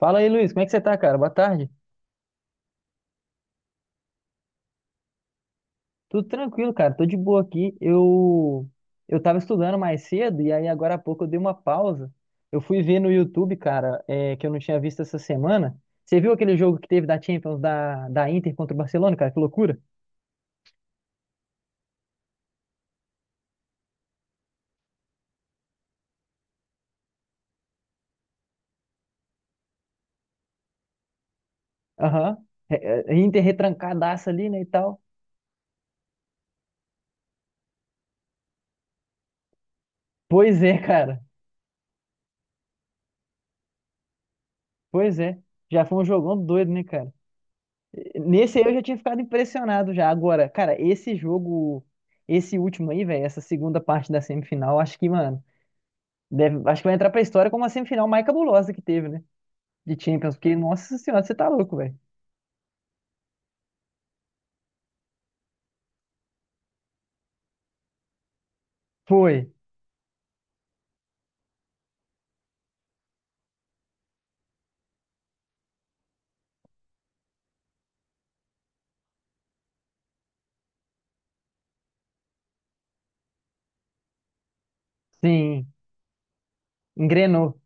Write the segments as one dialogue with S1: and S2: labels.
S1: Fala aí, Luiz, como é que você tá, cara? Boa tarde. Tudo tranquilo, cara. Tô de boa aqui. Eu tava estudando mais cedo e aí agora há pouco eu dei uma pausa. Eu fui ver no YouTube, cara, que eu não tinha visto essa semana. Você viu aquele jogo que teve da Champions da Inter contra o Barcelona, cara? Que loucura. Aham. É, Inter retrancadaça ali, né, e tal. Pois é, cara. Pois é. Já foi um jogão doido, né, cara? Nesse aí eu já tinha ficado impressionado já. Agora, cara, esse jogo, esse último aí, velho, essa segunda parte da semifinal, acho que, mano, deve, acho que vai entrar pra história como a semifinal mais cabulosa que teve, né? De Champions, porque, nossa senhora, você tá louco, velho. Foi. Sim. Engrenou.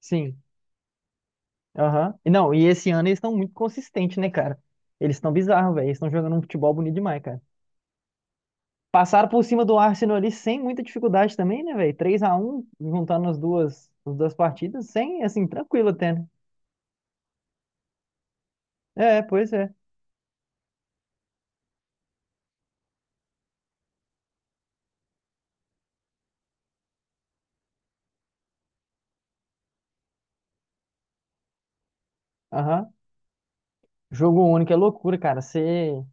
S1: Sim. Aham. E não, e esse ano eles estão muito consistentes, né, cara? Eles estão bizarros, velho. Eles estão jogando um futebol bonito demais, cara. Passaram por cima do Arsenal ali sem muita dificuldade também, né, velho? 3-1 juntando as duas partidas, sem, assim, tranquilo até, né? É, pois é. Aham. Jogo único é loucura, cara. Você.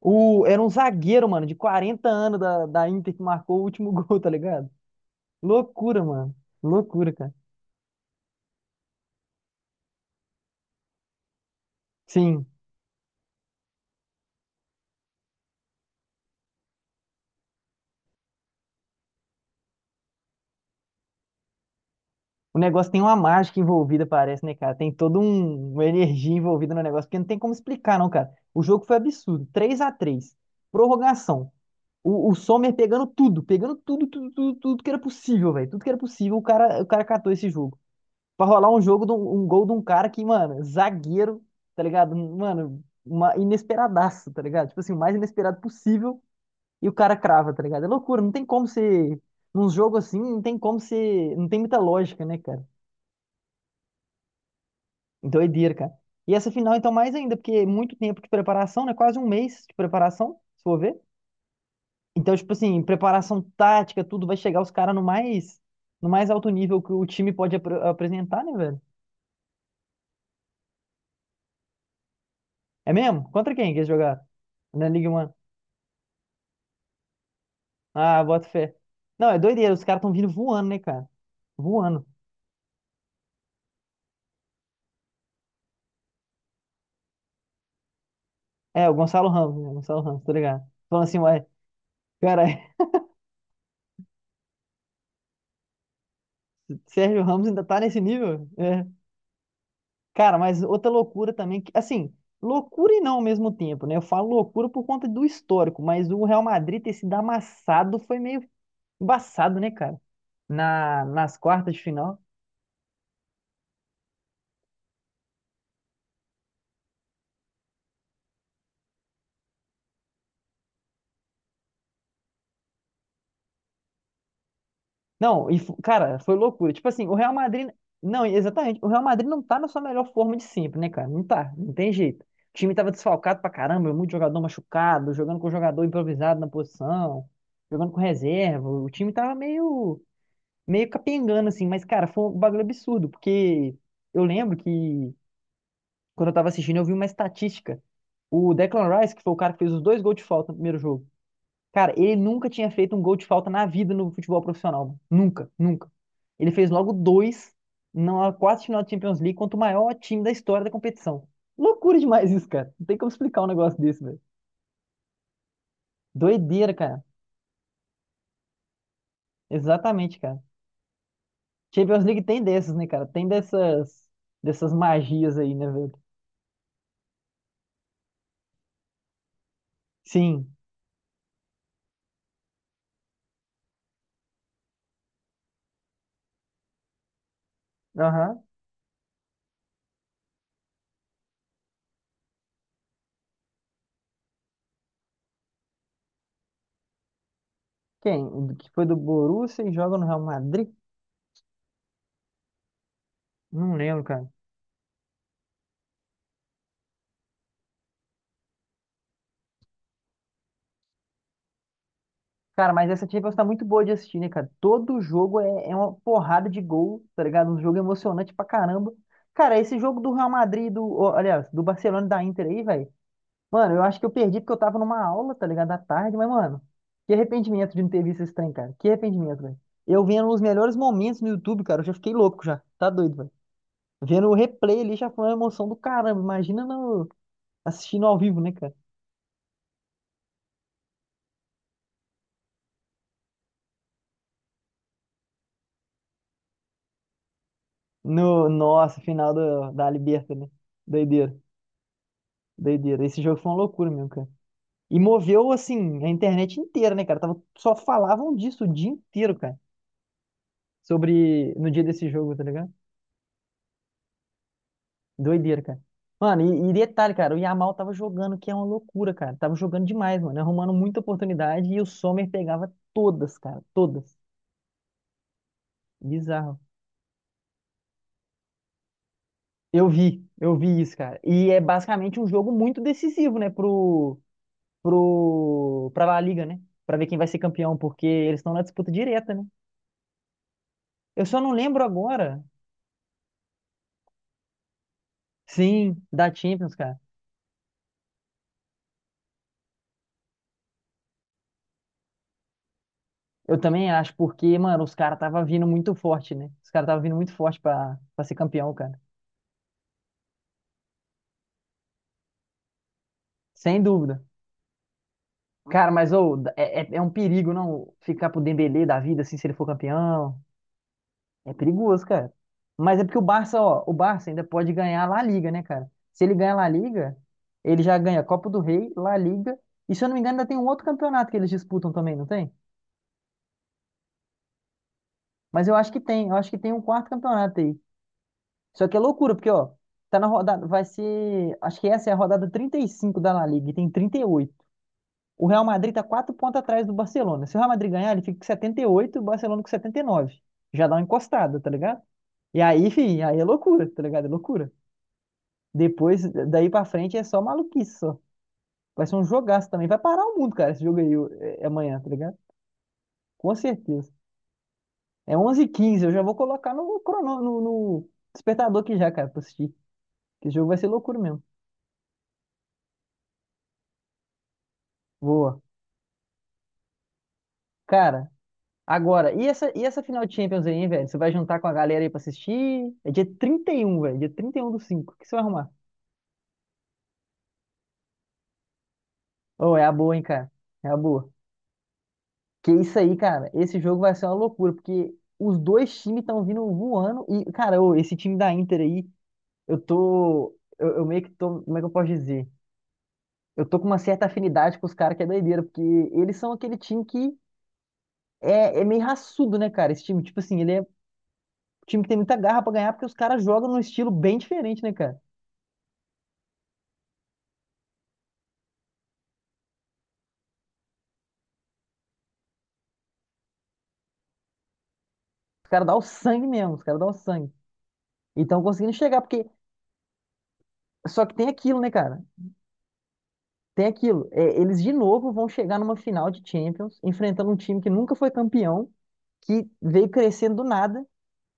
S1: O... Era um zagueiro, mano, de 40 anos da Inter que marcou o último gol, tá ligado? Loucura, mano. Loucura, cara. Sim. O negócio tem uma mágica envolvida, parece, né, cara? Tem toda um... uma energia envolvida no negócio, porque não tem como explicar, não, cara. O jogo foi absurdo. 3-3. Prorrogação. O Sommer pegando tudo, tudo, tudo, tudo que era possível, velho. Tudo que era possível, o cara catou esse jogo. Pra rolar um jogo, de um gol de um cara que, mano, zagueiro, tá ligado? Mano, uma inesperadaço, tá ligado? Tipo assim, o mais inesperado possível e o cara crava, tá ligado? É loucura, não tem como ser. Num jogo assim, não tem como ser. Não tem muita lógica, né, cara? Doideira, cara. E essa final, então, mais ainda, porque é muito tempo de preparação, né? Quase um mês de preparação, se for ver. Então, tipo assim, preparação tática, tudo vai chegar os caras no mais alto nível que o time pode apresentar, né, velho? É mesmo? Contra quem que eles jogaram? Na Liga 1. Ah, bota fé. Não, é doideira, os caras estão vindo voando, né, cara? Voando. É, o Gonçalo Ramos, né? Gonçalo Ramos, tô ligado. Falando assim, ué, cara, Sérgio Ramos ainda tá nesse nível? É. Cara, mas outra loucura também, que, assim, loucura e não ao mesmo tempo, né? Eu falo loucura por conta do histórico, mas o Real Madrid ter sido amassado foi meio embaçado, né, cara? Nas quartas de final. Não, e, cara, foi loucura. Tipo assim, o Real Madrid. Não, exatamente. O Real Madrid não tá na sua melhor forma de sempre, né, cara? Não tá, não tem jeito. O time tava desfalcado pra caramba, muito jogador machucado, jogando com jogador improvisado na posição, jogando com reserva. O time tava meio capengando, assim. Mas, cara, foi um bagulho absurdo, porque eu lembro que quando eu tava assistindo, eu vi uma estatística. O Declan Rice, que foi o cara que fez os dois gols de falta no primeiro jogo. Cara, ele nunca tinha feito um gol de falta na vida no futebol profissional. Nunca, nunca. Ele fez logo dois na quase final da Champions League contra o maior time da história da competição. Loucura demais isso, cara. Não tem como explicar um negócio desse, velho. Doideira, cara. Exatamente, cara. Champions League tem dessas, né, cara? Tem dessas magias aí, né, velho? Sim. Aham. Quem? O que foi do Borussia e joga no Real Madrid? Não lembro, cara. Cara, mas essa Champions tá muito boa de assistir, né, cara? Todo jogo é uma porrada de gol, tá ligado? Um jogo emocionante pra caramba. Cara, esse jogo do Real Madrid, do, ó, aliás, do Barcelona e da Inter aí, velho. Mano, eu acho que eu perdi porque eu tava numa aula, tá ligado? À tarde, mas, mano, que arrependimento de não ter visto esse trem, cara. Que arrependimento, velho. Eu vendo os melhores momentos no YouTube, cara, eu já fiquei louco já. Tá doido, velho. Vendo o replay ali já foi uma emoção do caramba. Imagina no, assistindo ao vivo, né, cara? No, nossa, final da Liberta, né? Doideira. Doideira. Esse jogo foi uma loucura mesmo, cara. E moveu, assim, a internet inteira, né, cara? Tava, só falavam disso o dia inteiro, cara. Sobre. No dia desse jogo, tá ligado? Doideira, cara. Mano, e detalhe, cara, o Yamal tava jogando, que é uma loucura, cara. Tava jogando demais, mano. Arrumando muita oportunidade e o Sommer pegava todas, cara. Todas. Bizarro. Eu vi isso, cara. E é basicamente um jogo muito decisivo, né, pra La Liga, né? Pra ver quem vai ser campeão, porque eles estão na disputa direta, né? Eu só não lembro agora. Sim, da Champions, cara. Eu também acho, porque, mano, os caras tava vindo muito forte, né? Os caras tava vindo muito forte pra ser campeão, cara. Sem dúvida. Cara, mas ô, é um perigo, não? Ficar pro Dembélé da vida, assim, se ele for campeão. É perigoso, cara. Mas é porque o Barça, ó, o Barça ainda pode ganhar a La Liga, né, cara? Se ele ganhar a La Liga, ele já ganha Copa do Rei, La Liga. E se eu não me engano, ainda tem um outro campeonato que eles disputam também, não tem? Mas eu acho que tem, eu acho que tem um quarto campeonato aí. Só que é loucura, porque, ó, tá na rodada, vai ser, acho que essa é a rodada 35 da La Liga, e tem 38. O Real Madrid tá 4 pontos atrás do Barcelona. Se o Real Madrid ganhar, ele fica com 78 e oito e o Barcelona com 79. Já dá uma encostada, tá ligado? E aí, enfim, aí é loucura, tá ligado? É loucura. Depois, daí pra frente, é só maluquice, só. Vai ser um jogaço também. Vai parar o mundo, cara, esse jogo aí é amanhã, tá ligado? Com certeza. É onze h 15 eu já vou colocar no, crono, no, no despertador aqui já, cara, pra assistir. Que jogo vai ser loucura mesmo. Boa. Cara, agora, e essa final de Champions aí, hein, velho? Você vai juntar com a galera aí pra assistir? É dia 31 velho. Dia 31 do cinco. O que você vai arrumar? Ô, é a boa, hein, cara? É a boa. Que isso aí, cara. Esse jogo vai ser uma loucura, porque os dois times estão vindo voando. E, cara, ô, esse time da Inter aí, eu tô. Eu meio que tô. Como é que eu posso dizer? Eu tô com uma certa afinidade com os caras que é doideira, porque eles são aquele time que é meio raçudo, né, cara? Esse time, tipo assim, ele é um time que tem muita garra pra ganhar, porque os caras jogam num estilo bem diferente, né, cara? Os caras dão o sangue mesmo, os caras dão o sangue. E estão conseguindo chegar, porque. Só que tem aquilo, né, cara? Tem aquilo. É, eles de novo vão chegar numa final de Champions, enfrentando um time que nunca foi campeão, que veio crescendo do nada,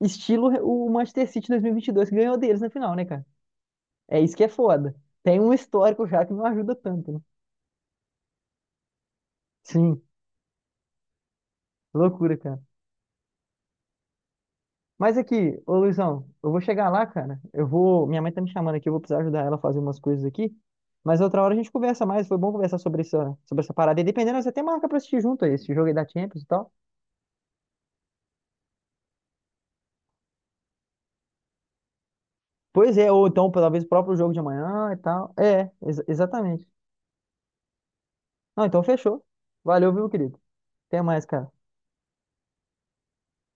S1: estilo o Manchester City 2022, que ganhou deles na final, né, cara? É isso que é foda. Tem um histórico já que não ajuda tanto, né? Sim, loucura, cara. Mas aqui, ô Luizão, eu vou chegar lá, cara. Eu vou. Minha mãe tá me chamando aqui, eu vou precisar ajudar ela a fazer umas coisas aqui. Mas outra hora a gente conversa mais. Foi bom conversar sobre essa parada. E dependendo, você até marca pra assistir junto aí, esse jogo aí da Champions e tal. Pois é, ou então, talvez o próprio jogo de amanhã e tal. É, exatamente. Não, então fechou. Valeu, viu, querido? Até mais, cara.